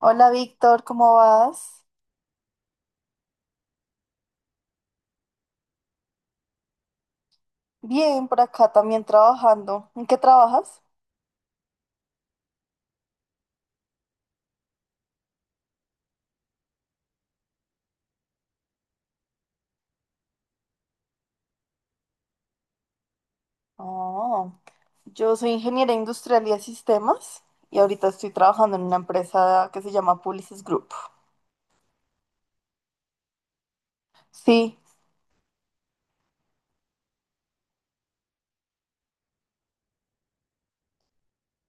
Hola Víctor, ¿cómo vas? Bien, por acá también trabajando. ¿En qué trabajas? Oh, yo soy ingeniera industrial y de sistemas y ahorita estoy trabajando en una empresa que se llama Publicis Group. Sí,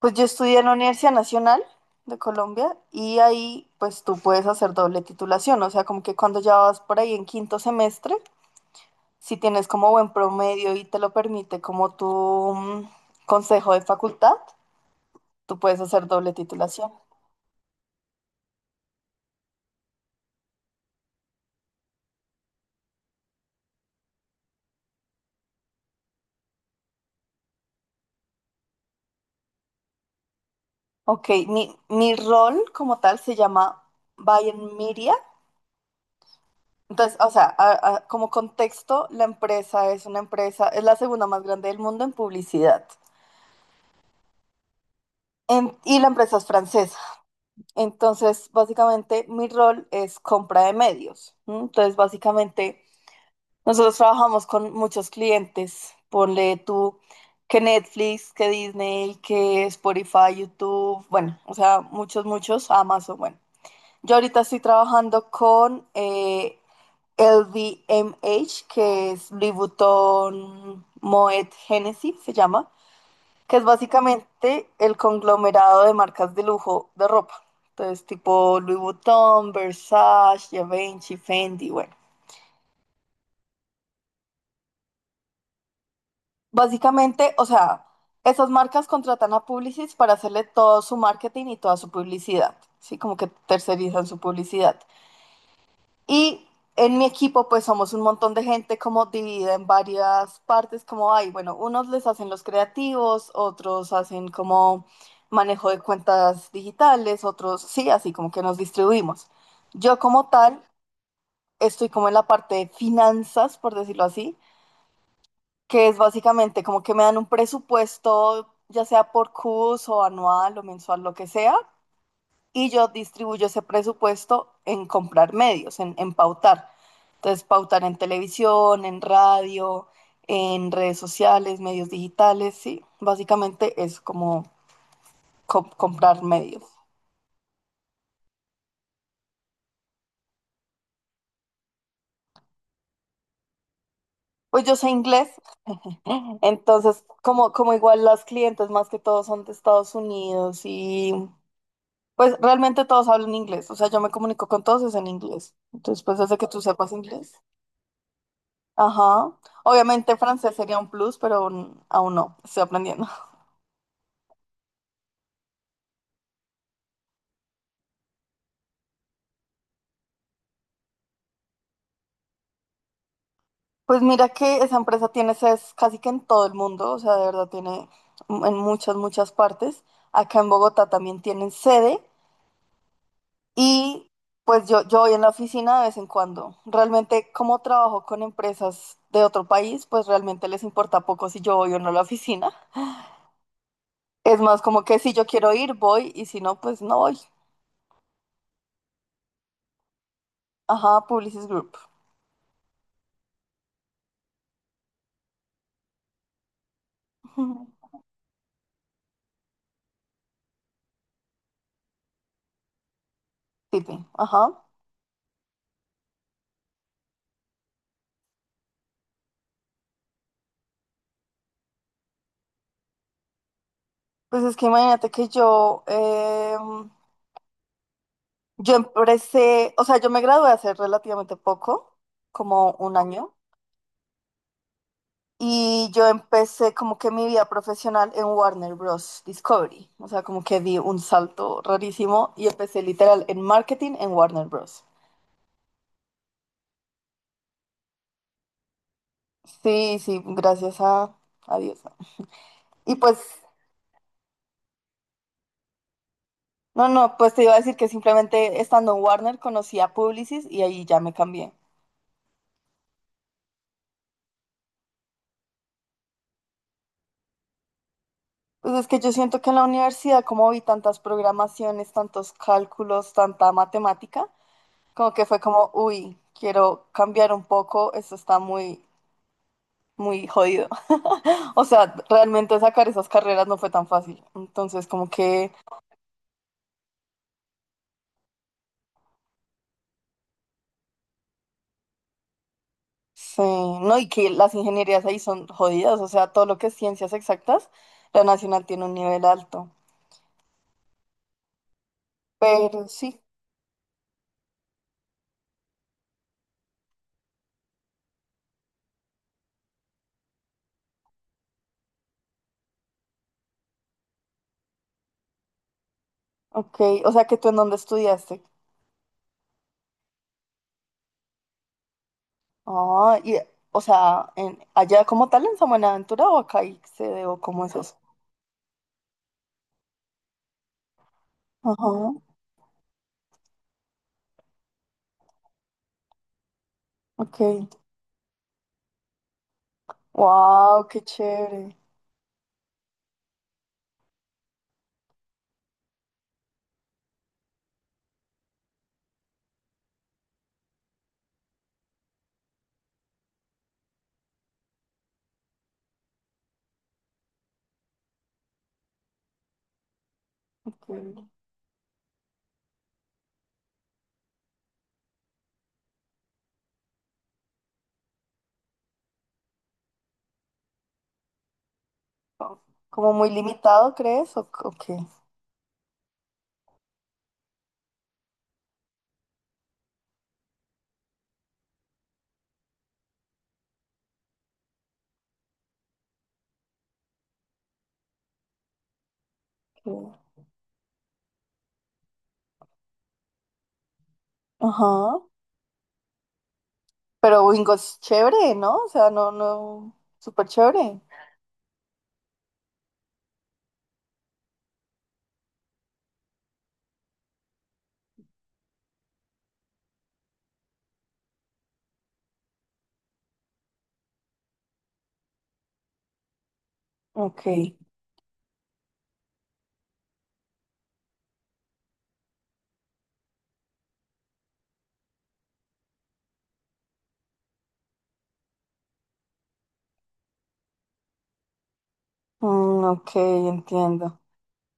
pues yo estudié en la Universidad Nacional de Colombia y ahí pues tú puedes hacer doble titulación, o sea, como que cuando ya vas por ahí en quinto semestre, si tienes como buen promedio y te lo permite como tu consejo de facultad, tú puedes hacer doble titulación. Ok, mi rol como tal se llama Bayern Media. Entonces, o sea, como contexto, la empresa es una empresa, es la segunda más grande del mundo en publicidad. Y la empresa es francesa. Entonces, básicamente, mi rol es compra de medios. ¿M? Entonces, básicamente, nosotros trabajamos con muchos clientes. Ponle tú que Netflix, que Disney, que Spotify, YouTube, bueno, o sea, muchos, Amazon, bueno. Yo ahorita estoy trabajando con LVMH, que es Louis Vuitton Moet Hennessy, se llama, que es básicamente el conglomerado de marcas de lujo de ropa. Entonces, tipo Louis Vuitton, Versace, Givenchy, Fendi, bueno. Básicamente, o sea, esas marcas contratan a Publicis para hacerle todo su marketing y toda su publicidad, ¿sí? Como que tercerizan su publicidad. Y en mi equipo, pues somos un montón de gente como dividida en varias partes, como hay, bueno, unos les hacen los creativos, otros hacen como manejo de cuentas digitales, otros sí, así como que nos distribuimos. Yo como tal, estoy como en la parte de finanzas, por decirlo así, que es básicamente como que me dan un presupuesto, ya sea por curso, anual o mensual, lo que sea y yo distribuyo ese presupuesto en comprar medios, en pautar. Entonces, pautar en televisión, en radio, en redes sociales, medios digitales, sí. Básicamente es como comprar medios. Pues yo sé inglés, entonces como igual las clientes más que todo son de Estados Unidos y pues realmente todos hablan inglés, o sea, yo me comunico con todos es en inglés. Entonces, pues hace que tú sepas inglés. Ajá. Obviamente francés sería un plus, pero aún no, estoy aprendiendo. Pues mira que esa empresa tiene sedes casi que en todo el mundo, o sea, de verdad tiene en muchas partes. Acá en Bogotá también tienen sede y pues yo voy en la oficina de vez en cuando. Realmente como trabajo con empresas de otro país, pues realmente les importa poco si yo voy o no a la oficina. Es más como que si yo quiero ir, voy y si no, pues no voy. Ajá, Publicis Group. Tipi, ajá. Pues es que imagínate que yo... Yo empecé, o sea, yo me gradué hace relativamente poco, como un año, y yo empecé como que mi vida profesional en Warner Bros. Discovery, o sea, como que di un salto rarísimo y empecé literal en marketing en Warner Bros. Sí, sí, gracias a Dios. Y pues, no, no, pues te iba a decir que simplemente estando en Warner conocí a Publicis y ahí ya me cambié. Pues es que yo siento que en la universidad, como vi tantas programaciones, tantos cálculos, tanta matemática, como que fue como, uy, quiero cambiar un poco, esto está muy jodido. O sea, realmente sacar esas carreras no fue tan fácil. Entonces, como que, sí, no, y que las ingenierías ahí son jodidas, o sea, todo lo que es ciencias exactas, la nacional tiene un nivel alto. Pero sí, ok, o sea, que tú en dónde estudiaste. Ah, y, o sea, en, allá como tal en San Buenaventura o acá y se o cómo es eso. Ajá, ok. Wow, qué chévere. Ok. ¿Como muy limitado, crees? O qué? ¿Qué? Ajá. Pero Wingo es chévere, ¿no? O sea, no, no, súper chévere. Ok. Mm, ok, entiendo.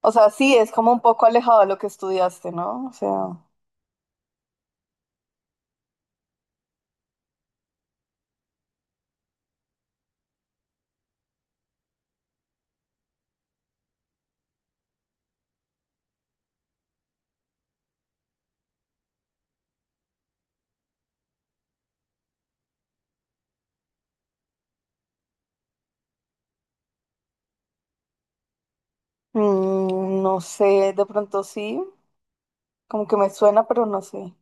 O sea, sí, es como un poco alejado de lo que estudiaste, ¿no? O sea, mm, no sé, de pronto sí, como que me suena, pero no sé.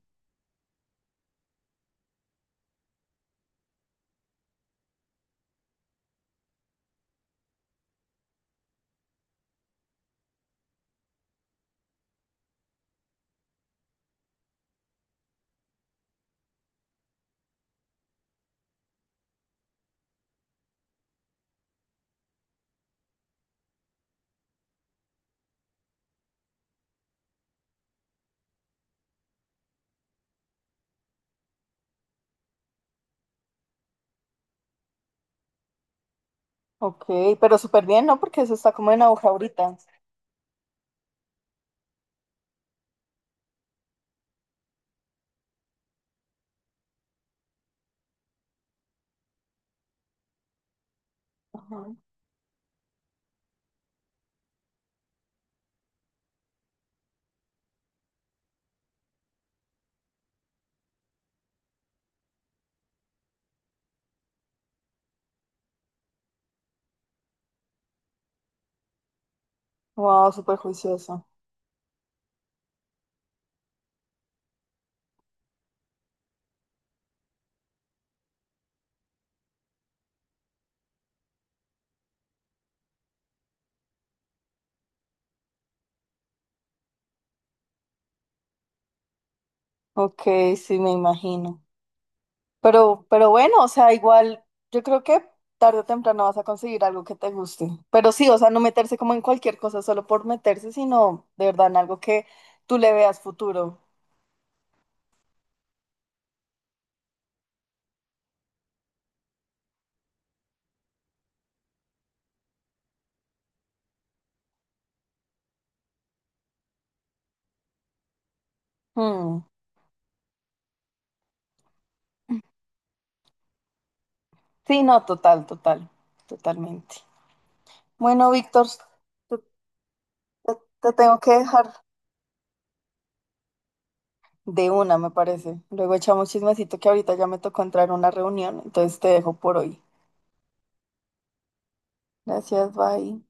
Ok, pero súper bien, ¿no? Porque eso está como en aguja ahorita. Wow, súper juicioso. Ok, sí, me imagino. Pero bueno, o sea, igual yo creo que tarde o temprano vas a conseguir algo que te guste. Pero sí, o sea, no meterse como en cualquier cosa solo por meterse, sino de verdad en algo que tú le veas futuro. Mm. Sí, no, total, total, totalmente. Bueno, Víctor, te, te tengo que dejar de una, me parece. Luego echamos chismecito que ahorita ya me tocó entrar a una reunión, entonces te dejo por hoy. Gracias, bye.